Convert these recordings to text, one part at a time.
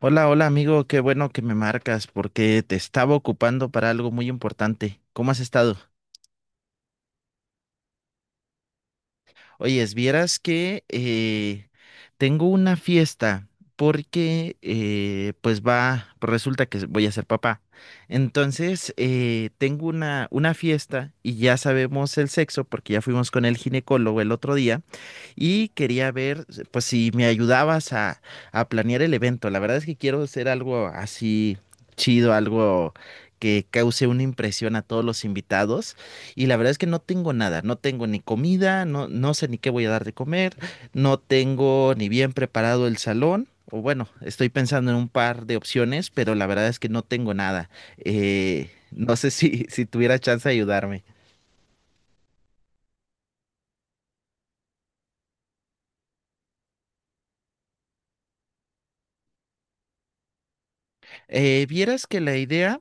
Hola, hola amigo, qué bueno que me marcas porque te estaba ocupando para algo muy importante. ¿Cómo has estado? Oye, vieras que tengo una fiesta porque pues va, pues resulta que voy a ser papá. Entonces, tengo una fiesta y ya sabemos el sexo porque ya fuimos con el ginecólogo el otro día y quería ver pues si me ayudabas a planear el evento. La verdad es que quiero hacer algo así chido, algo que cause una impresión a todos los invitados y la verdad es que no tengo nada, no tengo ni comida, no, no sé ni qué voy a dar de comer, no tengo ni bien preparado el salón. O bueno, estoy pensando en un par de opciones, pero la verdad es que no tengo nada. No sé si tuviera chance de ayudarme. Vieras que la idea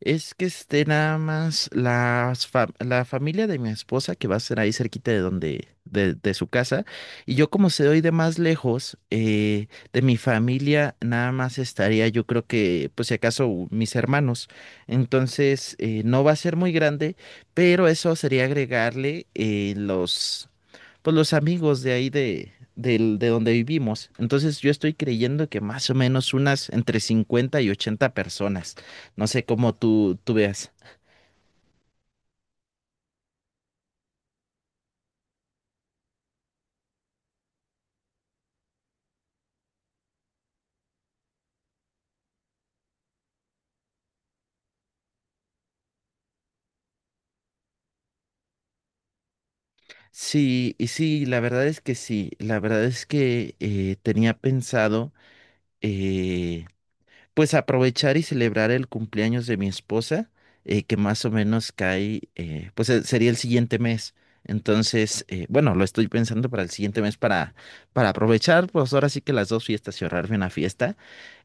es que esté nada más las la familia de mi esposa que va a ser ahí cerquita de donde, de su casa. Y yo como se doy de más lejos, de mi familia nada más estaría yo creo que, pues si acaso, mis hermanos. Entonces, no va a ser muy grande, pero eso sería agregarle los pues los amigos de ahí de donde vivimos. Entonces yo estoy creyendo que más o menos unas entre 50 y 80 personas. No sé cómo tú veas. Sí, y sí, la verdad es que sí. La verdad es que tenía pensado, eh, pues aprovechar y celebrar el cumpleaños de mi esposa, que más o menos cae, sería el siguiente mes. Entonces, bueno, lo estoy pensando para el siguiente mes para aprovechar, pues ahora sí que las dos fiestas y ahorrarme una fiesta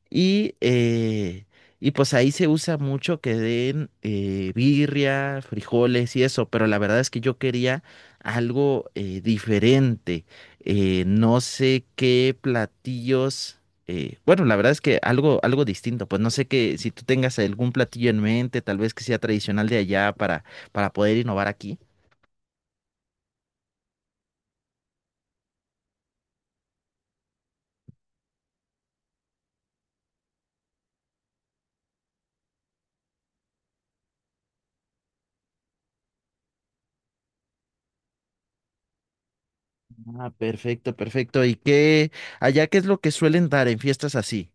y, eh, y pues ahí se usa mucho que den birria, frijoles y eso, pero la verdad es que yo quería algo diferente. No sé qué platillos, bueno, la verdad es que algo distinto, pues no sé que si tú tengas algún platillo en mente, tal vez que sea tradicional de allá para poder innovar aquí. Ah, perfecto, perfecto. ¿Y qué, allá qué es lo que suelen dar en fiestas así?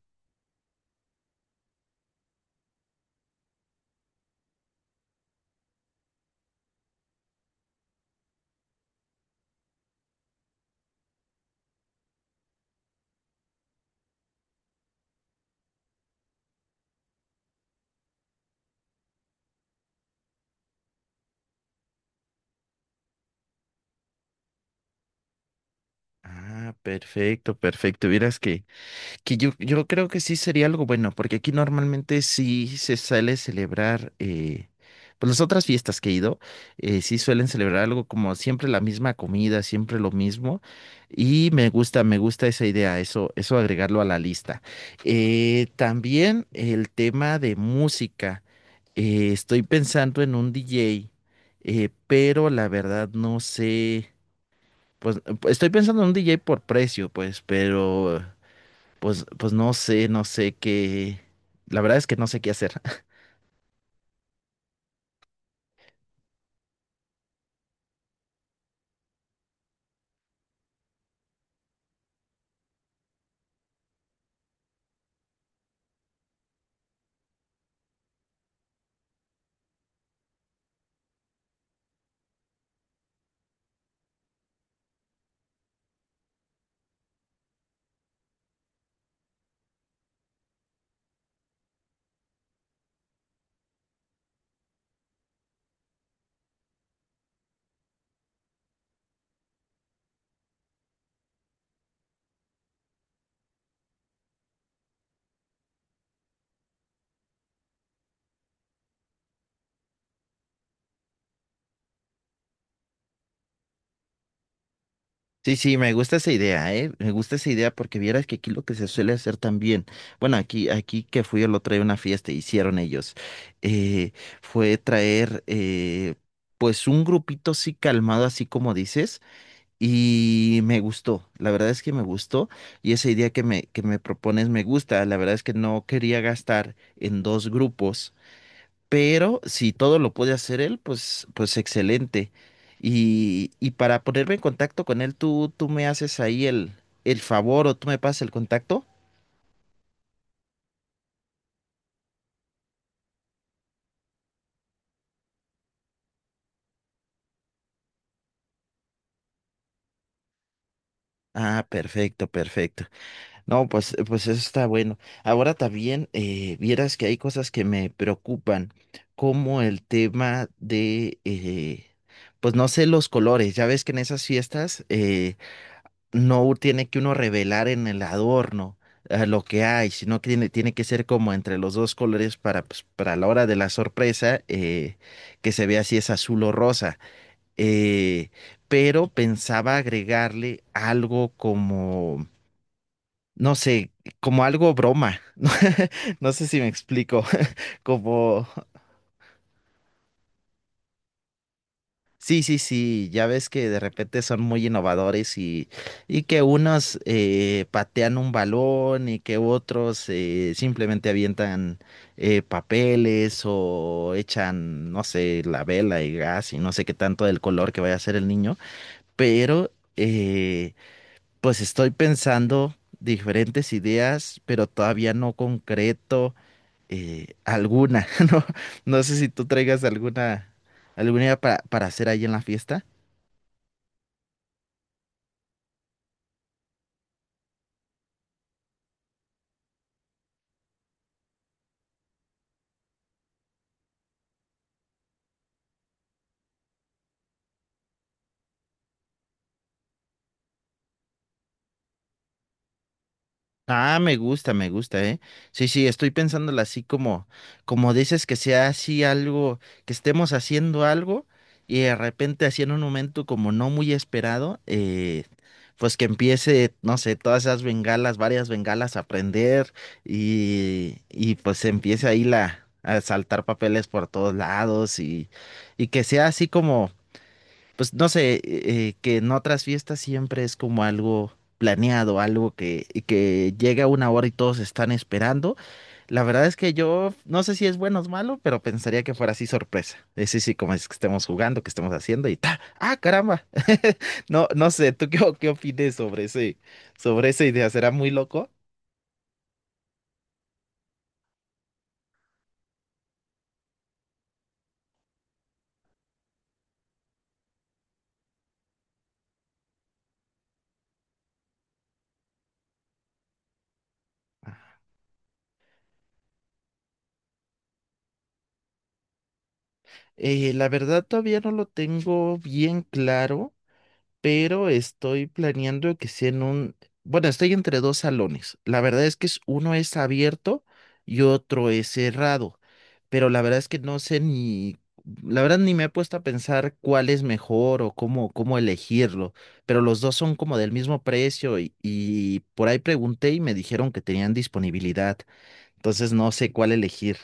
Ah, perfecto, perfecto. Vieras que... Que yo creo que sí sería algo bueno, porque aquí normalmente sí se suele celebrar, pues las otras fiestas que he ido, sí suelen celebrar algo como siempre la misma comida, siempre lo mismo, y me gusta esa idea, eso agregarlo a la lista. También el tema de música, estoy pensando en un DJ, pero la verdad no sé, pues estoy pensando en un DJ por precio, pues, pero... Pues, pues no sé, no sé qué. La verdad es que no sé qué hacer. Sí, sí, me gusta esa idea, ¿eh? Me gusta esa idea porque vieras que aquí lo que se suele hacer también. Bueno, aquí que fui el otro día a una fiesta, hicieron ellos. eh, fue traer, pues, un grupito así calmado, así como dices. Y me gustó, la verdad es que me gustó. Y esa idea que que me propones me gusta. La verdad es que no quería gastar en dos grupos. Pero si todo lo puede hacer él, pues, pues excelente. Y para ponerme en contacto con él, tú me haces ahí el favor o tú me pasas el contacto. Ah, perfecto, perfecto. No, pues, pues eso está bueno. Ahora también vieras que hay cosas que me preocupan, como el tema de, pues no sé, los colores. Ya ves que en esas fiestas no tiene que uno revelar en el adorno lo que hay, sino que tiene que ser como entre los dos colores para, pues, para la hora de la sorpresa, que se vea si es azul o rosa. Eh, pero pensaba agregarle algo como, no sé, como algo broma. No sé si me explico, como... Sí, sí, sí, ya ves que de repente son muy innovadores y que unos patean un balón y que otros simplemente avientan papeles o echan, no sé, la vela y gas y no sé qué tanto del color que vaya a ser el niño. Pero eh, pues estoy pensando diferentes ideas, pero todavía no concreto alguna, ¿no? No sé si tú traigas alguna, alguna idea para hacer ahí en la fiesta. Ah, me gusta, ¿eh? Sí, sí, estoy pensándola así como, como dices que sea así algo, que estemos haciendo algo y de repente así en un momento como no muy esperado, pues que empiece, no sé, todas esas bengalas, varias bengalas a prender y pues empiece ahí la, a saltar papeles por todos lados y que sea así pues no sé, que en otras fiestas siempre es como algo planeado, algo que llega una hora y todos están esperando. La verdad es que yo no sé si es bueno o es malo, pero pensaría que fuera así sorpresa. Sí, sí, como es que estemos jugando, que estemos haciendo y ta, ah, caramba. No, no sé, ¿tú qué, qué opines sobre ese, sobre esa idea? ¿Será muy loco? La verdad todavía no lo tengo bien claro, pero estoy planeando que sea en un, bueno, estoy entre dos salones. La verdad es que uno es abierto y otro es cerrado, pero la verdad es que no sé ni, la verdad ni me he puesto a pensar cuál es mejor o cómo, cómo elegirlo, pero los dos son como del mismo precio y por ahí pregunté y me dijeron que tenían disponibilidad, entonces no sé cuál elegir.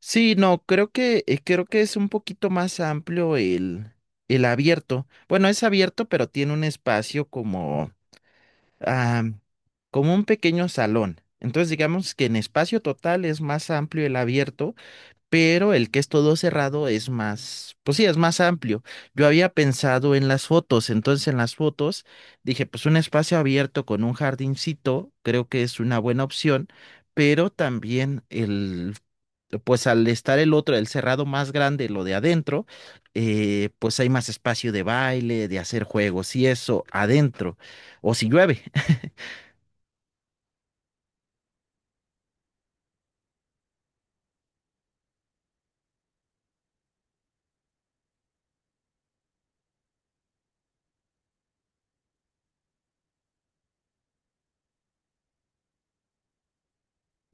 Sí, no, creo que es un poquito más amplio el abierto. Bueno, es abierto, pero tiene un espacio como, ah, como un pequeño salón. Entonces, digamos que en espacio total es más amplio el abierto, pero el que es todo cerrado es más, pues sí, es más amplio. Yo había pensado en las fotos, entonces en las fotos dije, pues un espacio abierto con un jardincito, creo que es una buena opción, pero también el, pues al estar el otro, el cerrado más grande, lo de adentro, pues hay más espacio de baile, de hacer juegos y eso adentro, o si llueve.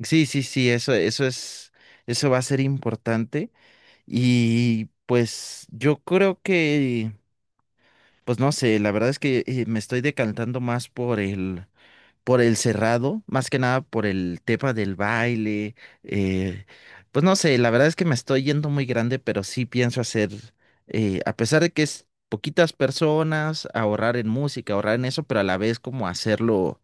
Sí, sí, sí, eso es, eso va a ser importante. Y pues yo creo que, pues no sé, la verdad es que me estoy decantando más por el cerrado, más que nada por el tema del baile. eh, pues no sé, la verdad es que me estoy yendo muy grande, pero sí pienso hacer, a pesar de que es poquitas personas, ahorrar en música, ahorrar en eso, pero a la vez como hacerlo,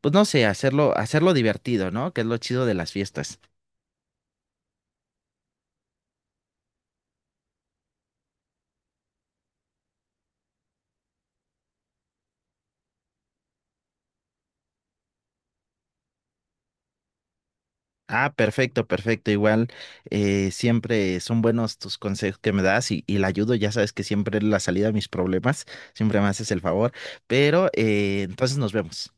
pues no sé, hacerlo, hacerlo divertido, ¿no? Que es lo chido de las fiestas. Ah, perfecto, perfecto. Igual siempre son buenos tus consejos que me das y la ayudo. Ya sabes que siempre es la salida a mis problemas. Siempre me haces el favor. Pero entonces nos vemos.